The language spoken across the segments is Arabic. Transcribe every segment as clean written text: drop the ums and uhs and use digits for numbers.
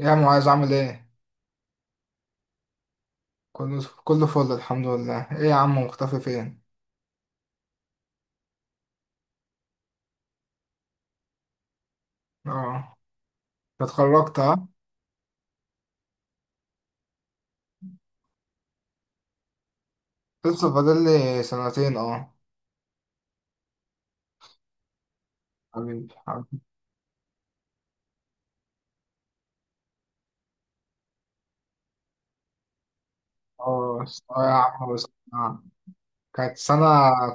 إيه يا معاذ عامل ايه؟ كله فل الحمد لله، ايه يا عم مختفي فين؟ اه اتخرجت ها؟ لسه فاضل لي سنتين اه. حبيبي حبيبي. اه ثانوية عامة بس آه. كانت سنة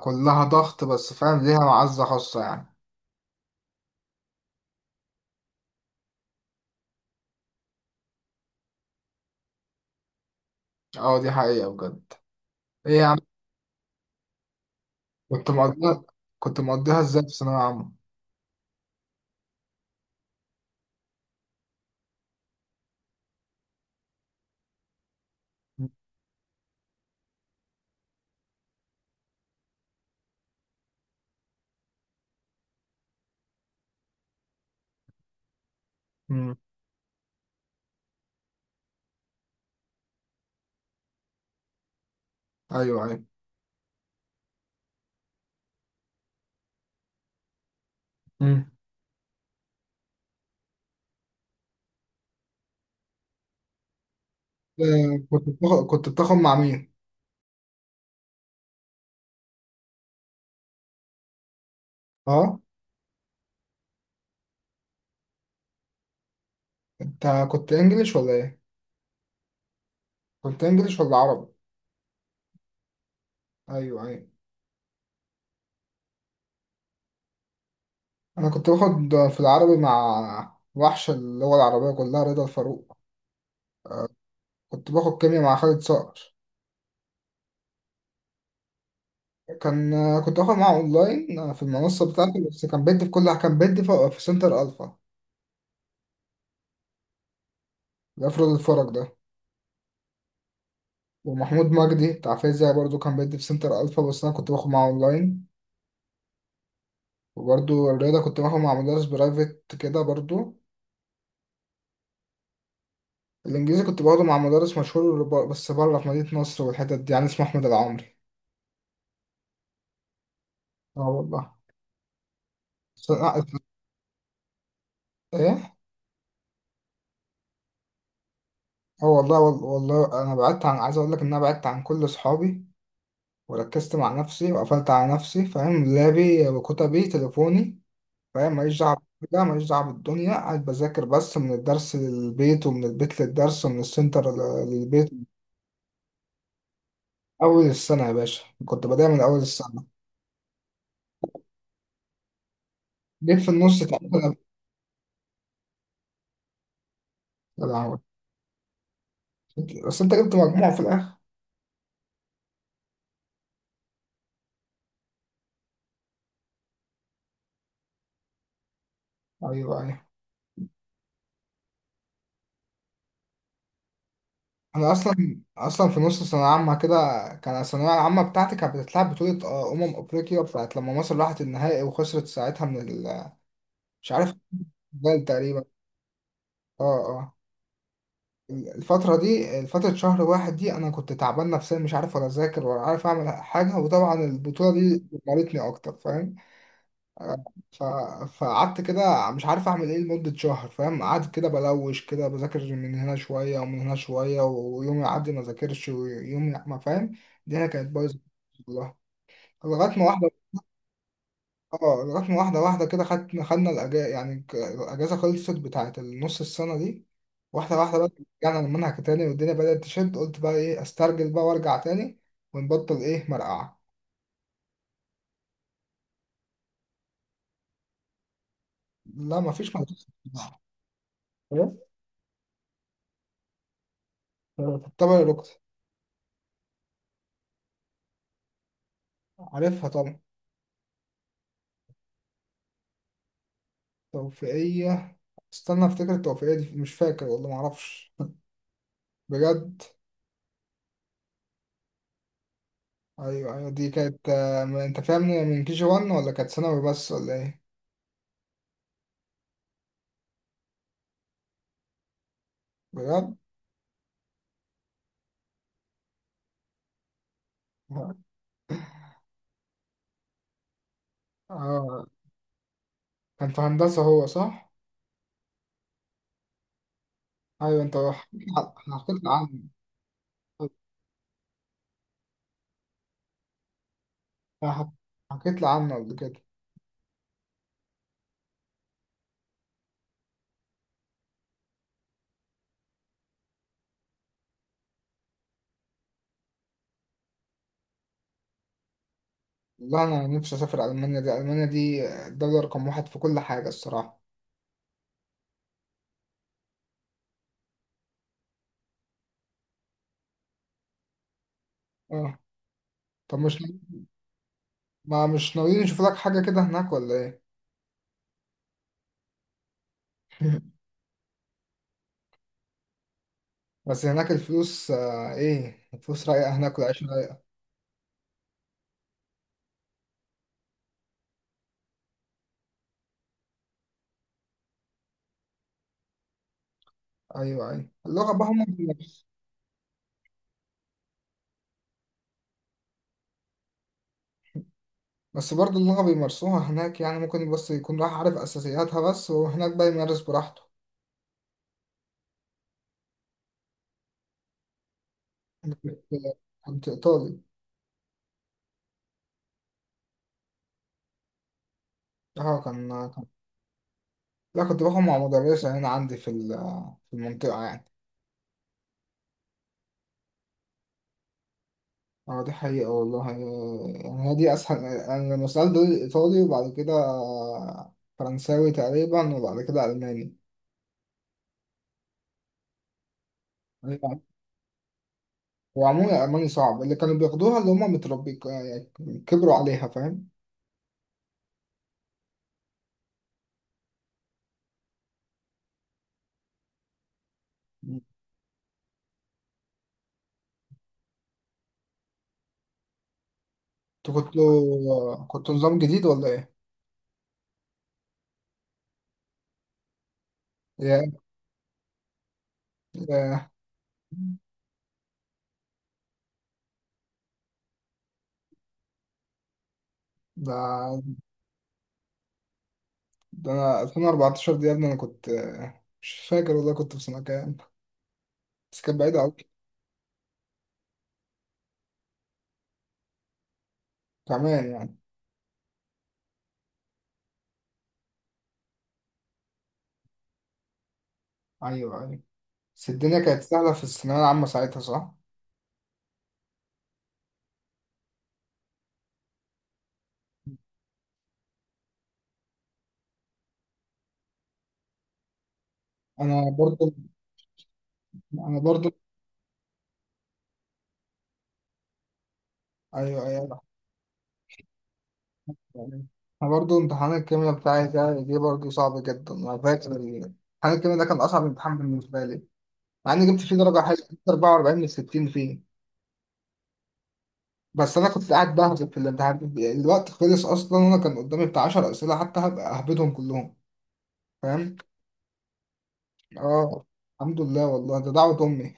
كلها ضغط بس فاهم ليها معزة خاصة يعني. اه دي حقيقة بجد. ايه يا عم كنت مقضيها. كنت مقضيها ازاي في ثانوية عامة؟ مم. ايوه ايوه. مم. آه، كنت بتاخد مع مين؟ اه. انت كنت انجليش ولا ايه؟ كنت انجليش ولا عربي؟ ايوه ايوه. انا كنت باخد في العربي مع وحش اللغه العربيه كلها رضا الفاروق. آه، كنت باخد كيمياء مع خالد صقر. كان آه، كنت باخد معاه اونلاين آه، في المنصه بتاعتي بس كان بيدي في سنتر الفا. الافراد الفرج ده. ومحمود مجدي بتاع فيزياء برضو كان بيدي في سنتر الفا بس انا كنت باخد معاه اونلاين. وبرضو الرياضه كنت باخد مع مدرس برايفت كده برضو. الانجليزي كنت باخده مع مدرس مشهور بس بره في مدينه نصر والحتت دي يعني اسمه احمد العمري. اه والله. س- آه، ايه. اه والله والله انا بعدت عن عايز اقول لك ان انا بعدت عن كل اصحابي وركزت مع نفسي وقفلت على نفسي فاهم لابي وكتبي تليفوني فاهم ماليش دعوه. ده ماليش دعوه بالدنيا قاعد بذاكر بس من الدرس للبيت ومن البيت للدرس ومن السنتر للبيت من. اول السنه يا باشا كنت بدايه من اول السنه. جيت في النص تعبت. انا أنا- بس انت جبت مجموع في الاخر. ايوه ايوه. انا اصلا في نص ثانويه عامه كده. كان الثانويه العامه بتاعتي كانت بتتلعب بطوله آه، افريقيا بتاعت لما مصر راحت النهائي وخسرت ساعتها من مش عارف البرتغال تقريبا. اه اه. الفتره دي فتره شهر واحد دي انا كنت تعبان نفسيا مش عارف ولا اذاكر ولا عارف اعمل حاجه وطبعا البطوله دي مرتني اكتر فاهم. ف... فقعدت كده مش عارف اعمل ايه لمدة شهر فاهم قعدت كده بلوش كده بذاكر من هنا شوية ومن هنا شوية ويوم يعدي ما ذاكرش ويوم ما فاهم. الدنيا كانت بايظة والله. لغاية ما واحدة. اه لغاية ما واحدة واحدة كده خدنا الأجازة يعني الأجازة خلصت بتاعت النص السنة دي. واحدة واحدة بقى. رجعنا المنهج تاني والدنيا بدأت تشد قلت بقى ايه استرجل بقى وارجع تاني. ونبطل ايه مرقعة. لا مفيش مرقعة. إيه؟ طبعا الركض. عارفها طبعا. توفيقية. استنى افتكر التوفيقية دي مش فاكر والله معرفش. بجد. ايوه ايوه. دي كانت آه، انت فاهمني من كي جي 1 ولا كانت ثانوي بس ولا ايه. بجد. اه كان في هندسة هو صح. ايوه انت حكيت. حكيت لي عنه. ح- حكيت لي عنه قبل كده. والله انا نفسي اسافر المانيا دي المانيا دي الدولة رقم واحد في كل حاجة الصراحة. اه. طب مش ما مش ناويين نشوف لك حاجة كده هناك ولا ايه. بس هناك الفلوس آه، ايه الفلوس رايقة هناك والعيش رايق. ايوه ايوه اللغه بقى هم بيمارسوا. بس برضه اللغه بيمارسوها هناك يعني ممكن بس يكون راح عارف اساسياتها بس وهناك بقى يمارس براحته. أنا كنت كنت ايطالي. اه كان. لا كنت باخد مع مدرسه هنا عندي في في المنطقه يعني. اه دي حقيقه والله يعني. هي دي اسهل يعني لما سالت دول ايطالي وبعد كده فرنساوي تقريبا وبعد كده الماني. أيوة. وعموما الالماني صعب اللي كانوا بياخدوها اللي هم متربي يعني كبروا عليها فاهم. انتوا كنتوا نظام جديد ولا ايه؟ يا يا ده ده انا 2014 دي يا ابني انا كنت مش فاكر والله كنت في سنة كام. بس كانت بعيدة أوي. كمان يعني. أيوه أيوه. بس الدنيا كانت سهلة في الثانوية العامة ساعتها صح؟ أنا برضو أنا برضو. أيوه أيوه. يعني أنا برضو امتحان الكيمياء بتاعي ده دي برضو صعب جدا أنا فاكر امتحان الكيمياء ده كان أصعب امتحان بالنسبة لي. مع إني جبت فيه درجة حلوة جبت 44 من 60 فيه. بس انا كنت قاعد بهبط في الامتحان الوقت خلص اصلا وانا كان قدامي بتاع 10 اسئله حتى هبقى اهبدهم كلهم فاهم. اه الحمد لله والله ده دعوه امي.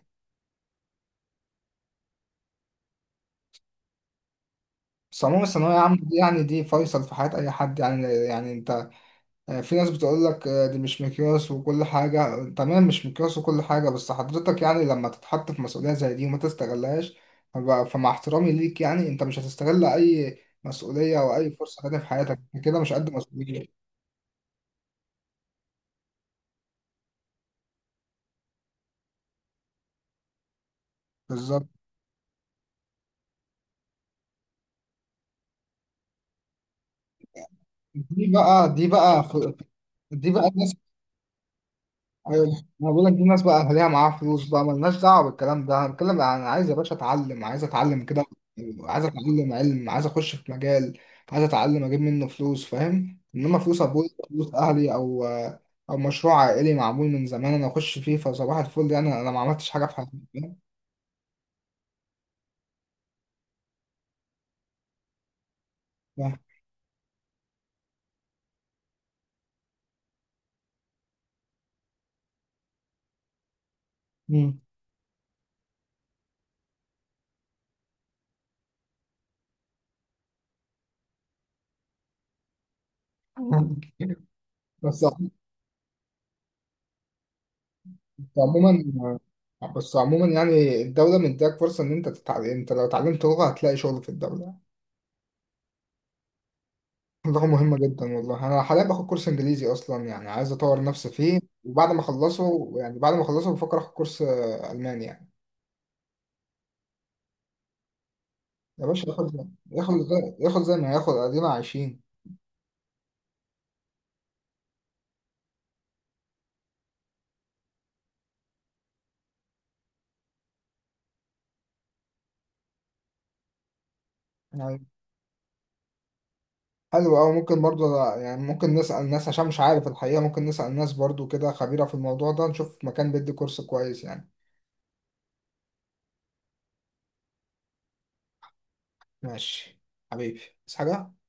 بس عموما الثانويه العامه دي يعني دي فيصل في حياه اي حد يعني يعني انت. آه، في ناس بتقول لك آه، دي مش مقياس وكل حاجه تمام مش مقياس وكل حاجه بس حضرتك يعني لما تتحط في مسؤوليه زي دي وما تستغلهاش. فمع احترامي ليك يعني انت مش هتستغل اي مسؤوليه او اي فرصه تانية في حياتك كده مش قد مسؤوليه. بالظبط. دي بقى دي بقى خ- دي بقى الناس. أيوة، انا بقول لك دي الناس بقى اهاليها معاها فلوس بقى مالناش دعوه بالكلام ده انا بتكلم انا عايز يا باشا اتعلم عايز اتعلم كده. عايز اتعلم علم عايز اخش في مجال. عايز اتعلم اجيب منه فلوس فاهم انما فلوس ابويا فلوس اهلي او. او مشروع عائلي معمول من زمان انا اخش فيه فصباح الفل يعني انا ما عملتش حاجه في حياتي فاهم؟ ف- مم. بس عموما بس عموما يعني الدولة مديك فرصة إن أنت تتعلم أنت لو اتعلمت لغة هتلاقي شغل في الدولة. اللغة مهمة جدا والله أنا حاليا باخد كورس إنجليزي أصلا يعني عايز أطور نفسي فيه وبعد ما أخلصه يعني بعد ما أخلصه بفكر آخد كورس آه، ألماني يعني. يا باشا ياخد زي ما ياخد أدينا عايشين يعني. حلو أوي ممكن برضه يعني ممكن نسأل ناس عشان مش عارف الحقيقة ممكن نسأل ناس برضه كده خبيرة في الموضوع ده نشوف مكان بيدي كورس كويس يعني. ماشي حبيبي بس حاجة